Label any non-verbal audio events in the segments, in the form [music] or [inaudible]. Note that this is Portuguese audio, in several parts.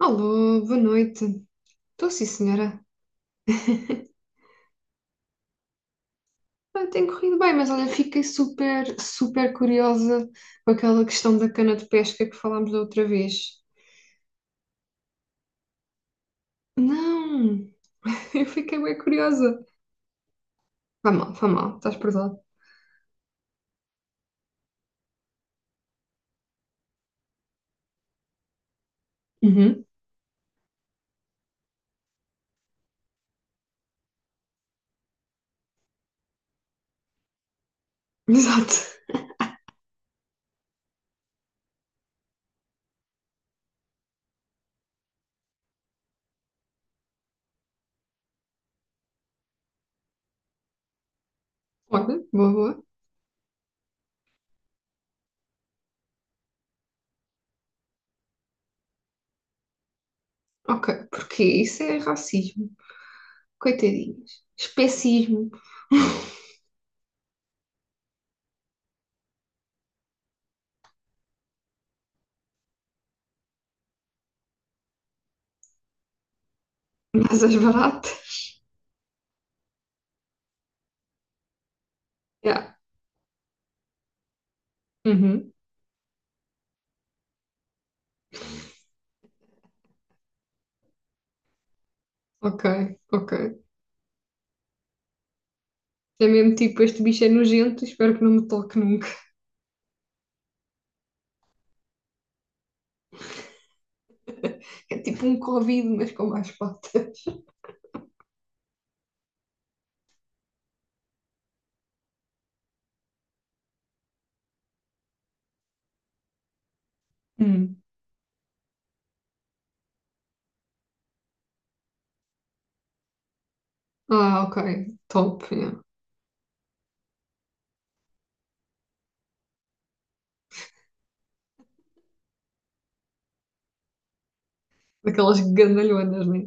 Alô, boa noite. Estou sim, senhora. Tem corrido bem, mas olha, fiquei super curiosa com aquela questão da cana de pesca que falámos da outra vez. Não, [laughs] eu fiquei bem curiosa. Vai mal, estás perdoado. Uhum. [laughs] Exato. Olha, boa, boa. Ok, porque isso é racismo. Coitadinhas. Especismo. Mas baratas. Yeah. Uhum. Ok, ok. É mesmo tipo, este bicho é nojento, espero que não me toque nunca. É tipo um Covid, mas com mais patas. Hum. Ah, ok. Top, yeah. Daquelas gandalhonas, né?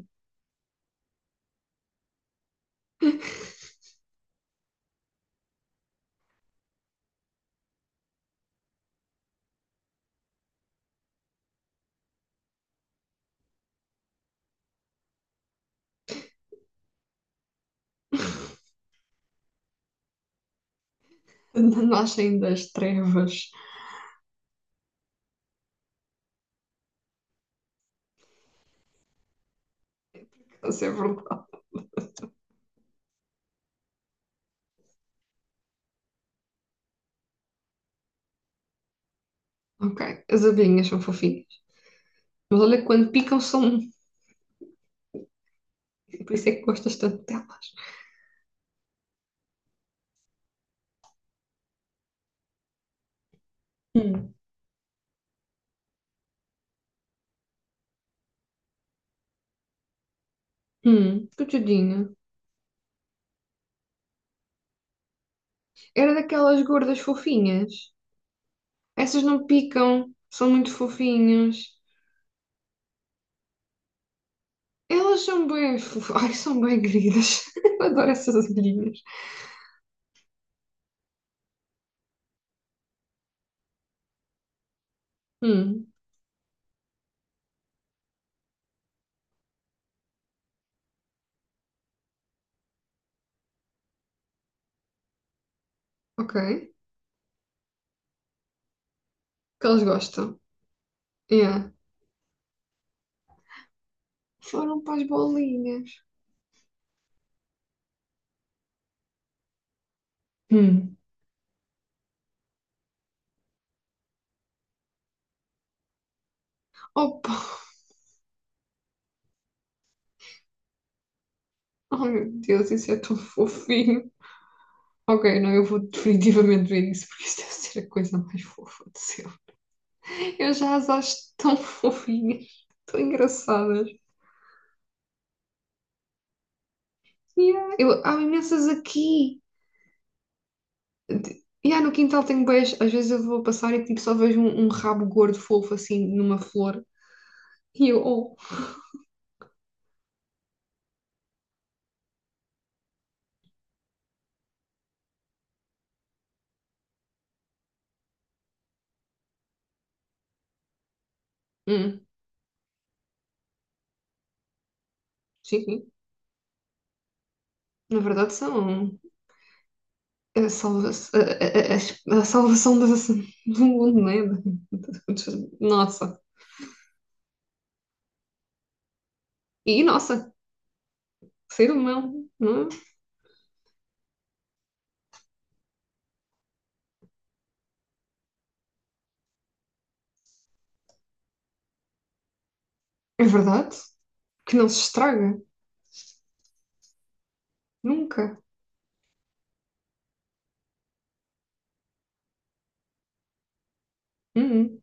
[laughs] Nascem das trevas. Isso é verdade. Ok. As abelhinhas são fofinhas. Mas olha, que quando picam são... Por isso é que gostas tanto delas. Hum. Coitadinha. Era daquelas gordas fofinhas. Essas não picam, são muito fofinhas. Elas são bem fofas. [laughs] Ai, são bem queridas. [laughs] Eu adoro essas abelhinhas. Hum, ok. Que elas gostam. Yeah. Foram para as bolinhas. Hum. Opa! Oh meu Deus, isso é tão fofinho. Ok, não, eu vou definitivamente ver isso, porque isto deve ser a coisa mais fofa do céu. Eu já as acho tão fofinhas, tão engraçadas. Yeah, eu, há imensas aqui. E yeah, no quintal tenho beijo. Às vezes eu vou passar e tipo, só vejo um rabo gordo fofo assim numa flor. E eu, oh, hum, sim. Na verdade são. A, salva- a salvação da- do mundo, né? Nossa. E nossa, ser humano, não é? É verdade que não se estraga. Nunca. Uhum.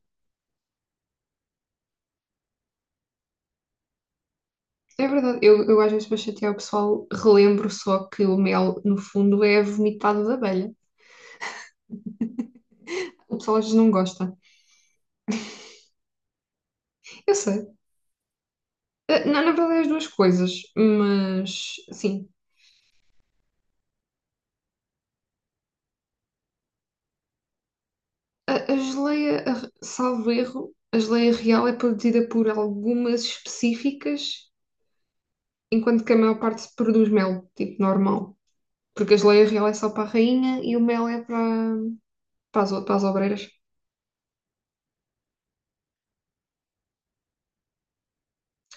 É verdade. Eu às vezes para chatear o pessoal relembro só que o mel, no fundo, é vomitado da abelha. O pessoal às vezes não gosta. Eu sei. Na verdade é as duas coisas, mas sim. A geleia, a- salvo erro, a geleia real é produzida por algumas específicas enquanto que a maior parte se produz mel, tipo normal. Porque a geleia real é só para a rainha e o mel é para, para as, o- para as obreiras.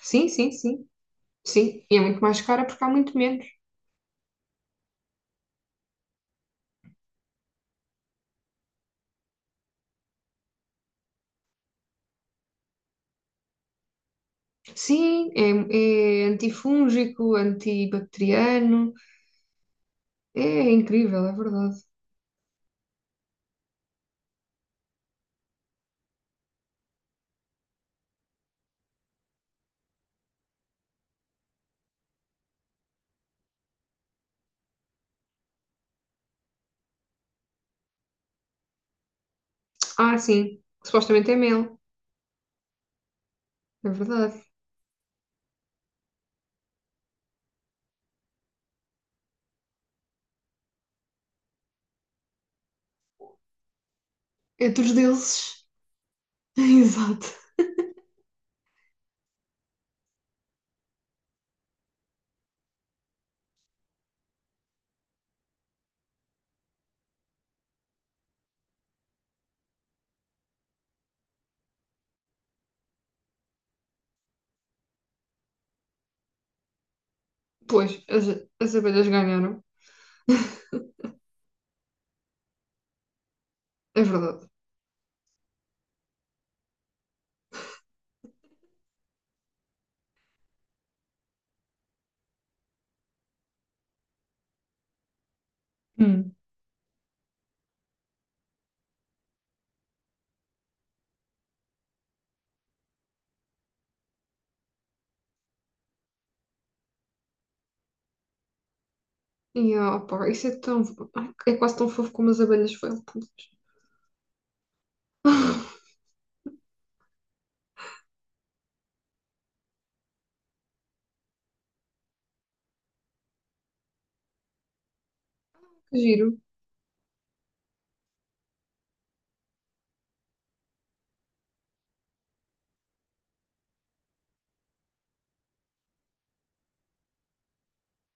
Sim, sim, sim. Sim, e é muito mais cara porque há muito menos. Sim, é, é antifúngico, antibacteriano. É incrível, é verdade. Ah, sim, supostamente é mel. É verdade. É dos deuses. [laughs] Exato. Pois, as, as abelhas ganharam. É verdade. Hum. E, opa, isso é tão... Ai, é quase tão fofo como as abelhas felpudas. Que giro.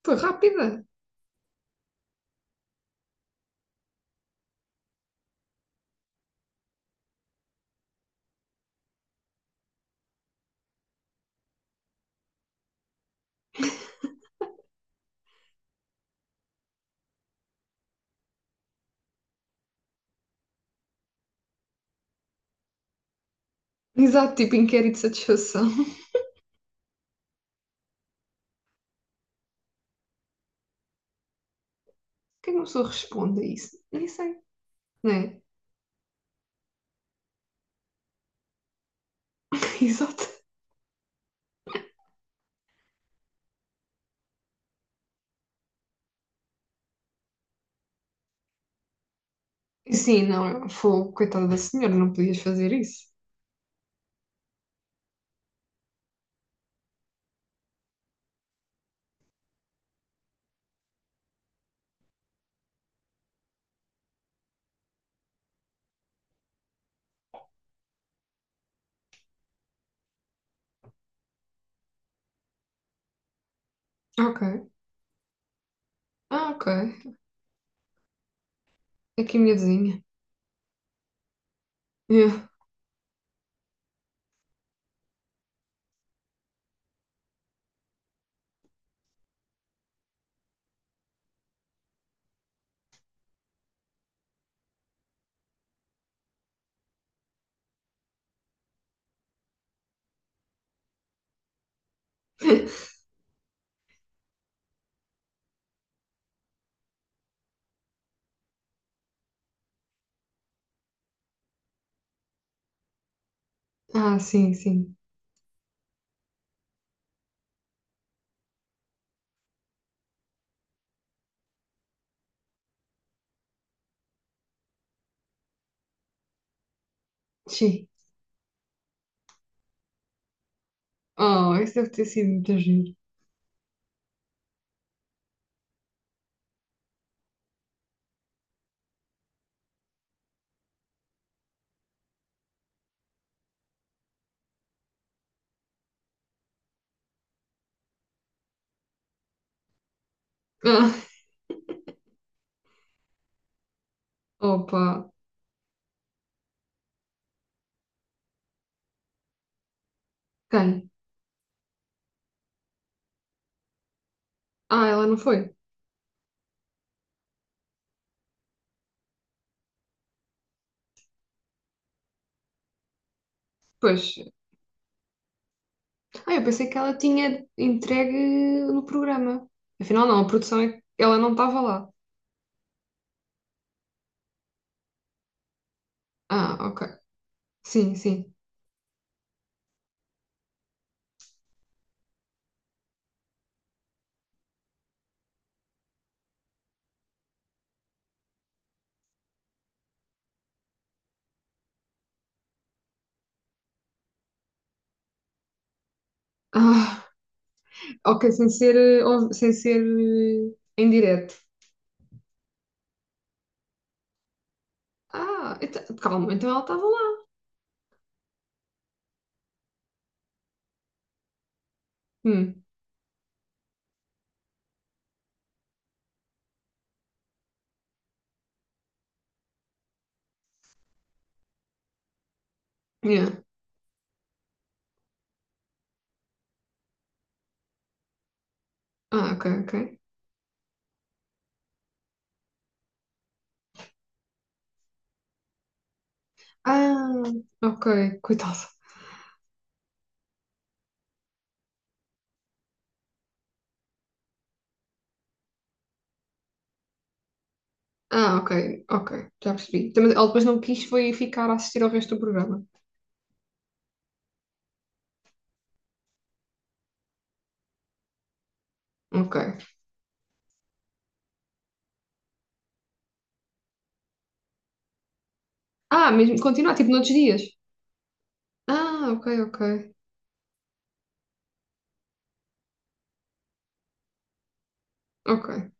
Foi rápida. Exato, tipo inquérito de satisfação. Por que é uma pessoa responde a isso? Nem sei, não é? [laughs] Exato. Sim, não, foi coitada da senhora, não podias fazer isso. Ok. Ah, ok. Aqui a minha vizinha. Yeah. [laughs] Ah, sim, sim. Sim. Oh, isso deve ter sido muito giro. Ah, opa. Quem? Ah, ela não foi. Pois. Ah, eu pensei que ela tinha entregue no programa. Afinal, não, a produção é que ela não estava lá. Ah, ok. Sim, sim. Ah. Ok, sem ser, eh, ou- sem ser em direto. Ah, então- calma, então ela estava lá. Hum, yeah. Ah, ok, ok. Ah, ok, coitada. Ah, ok, ok, já percebi. Também, ela depois não quis foi ficar a assistir ao resto do programa. Ok. Ah, mesmo continuar, tipo noutros dias. Ah, ok, ok, ok.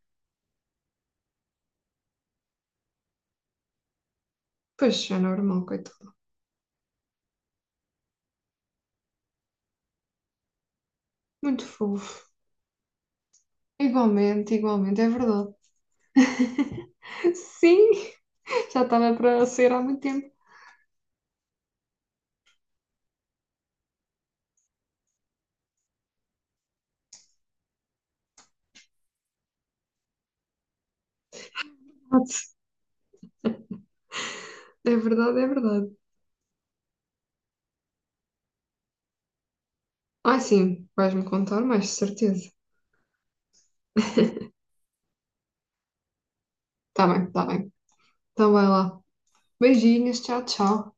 Pois, é normal, coitado. Muito fofo. Igualmente, igualmente, é verdade. [laughs] Sim, já estava para ser há muito tempo. É verdade, é verdade. Ah, sim, vais-me contar mais, de certeza. Tá bem, tá bem. Então vai lá. Beijinhos, tchau, tchau.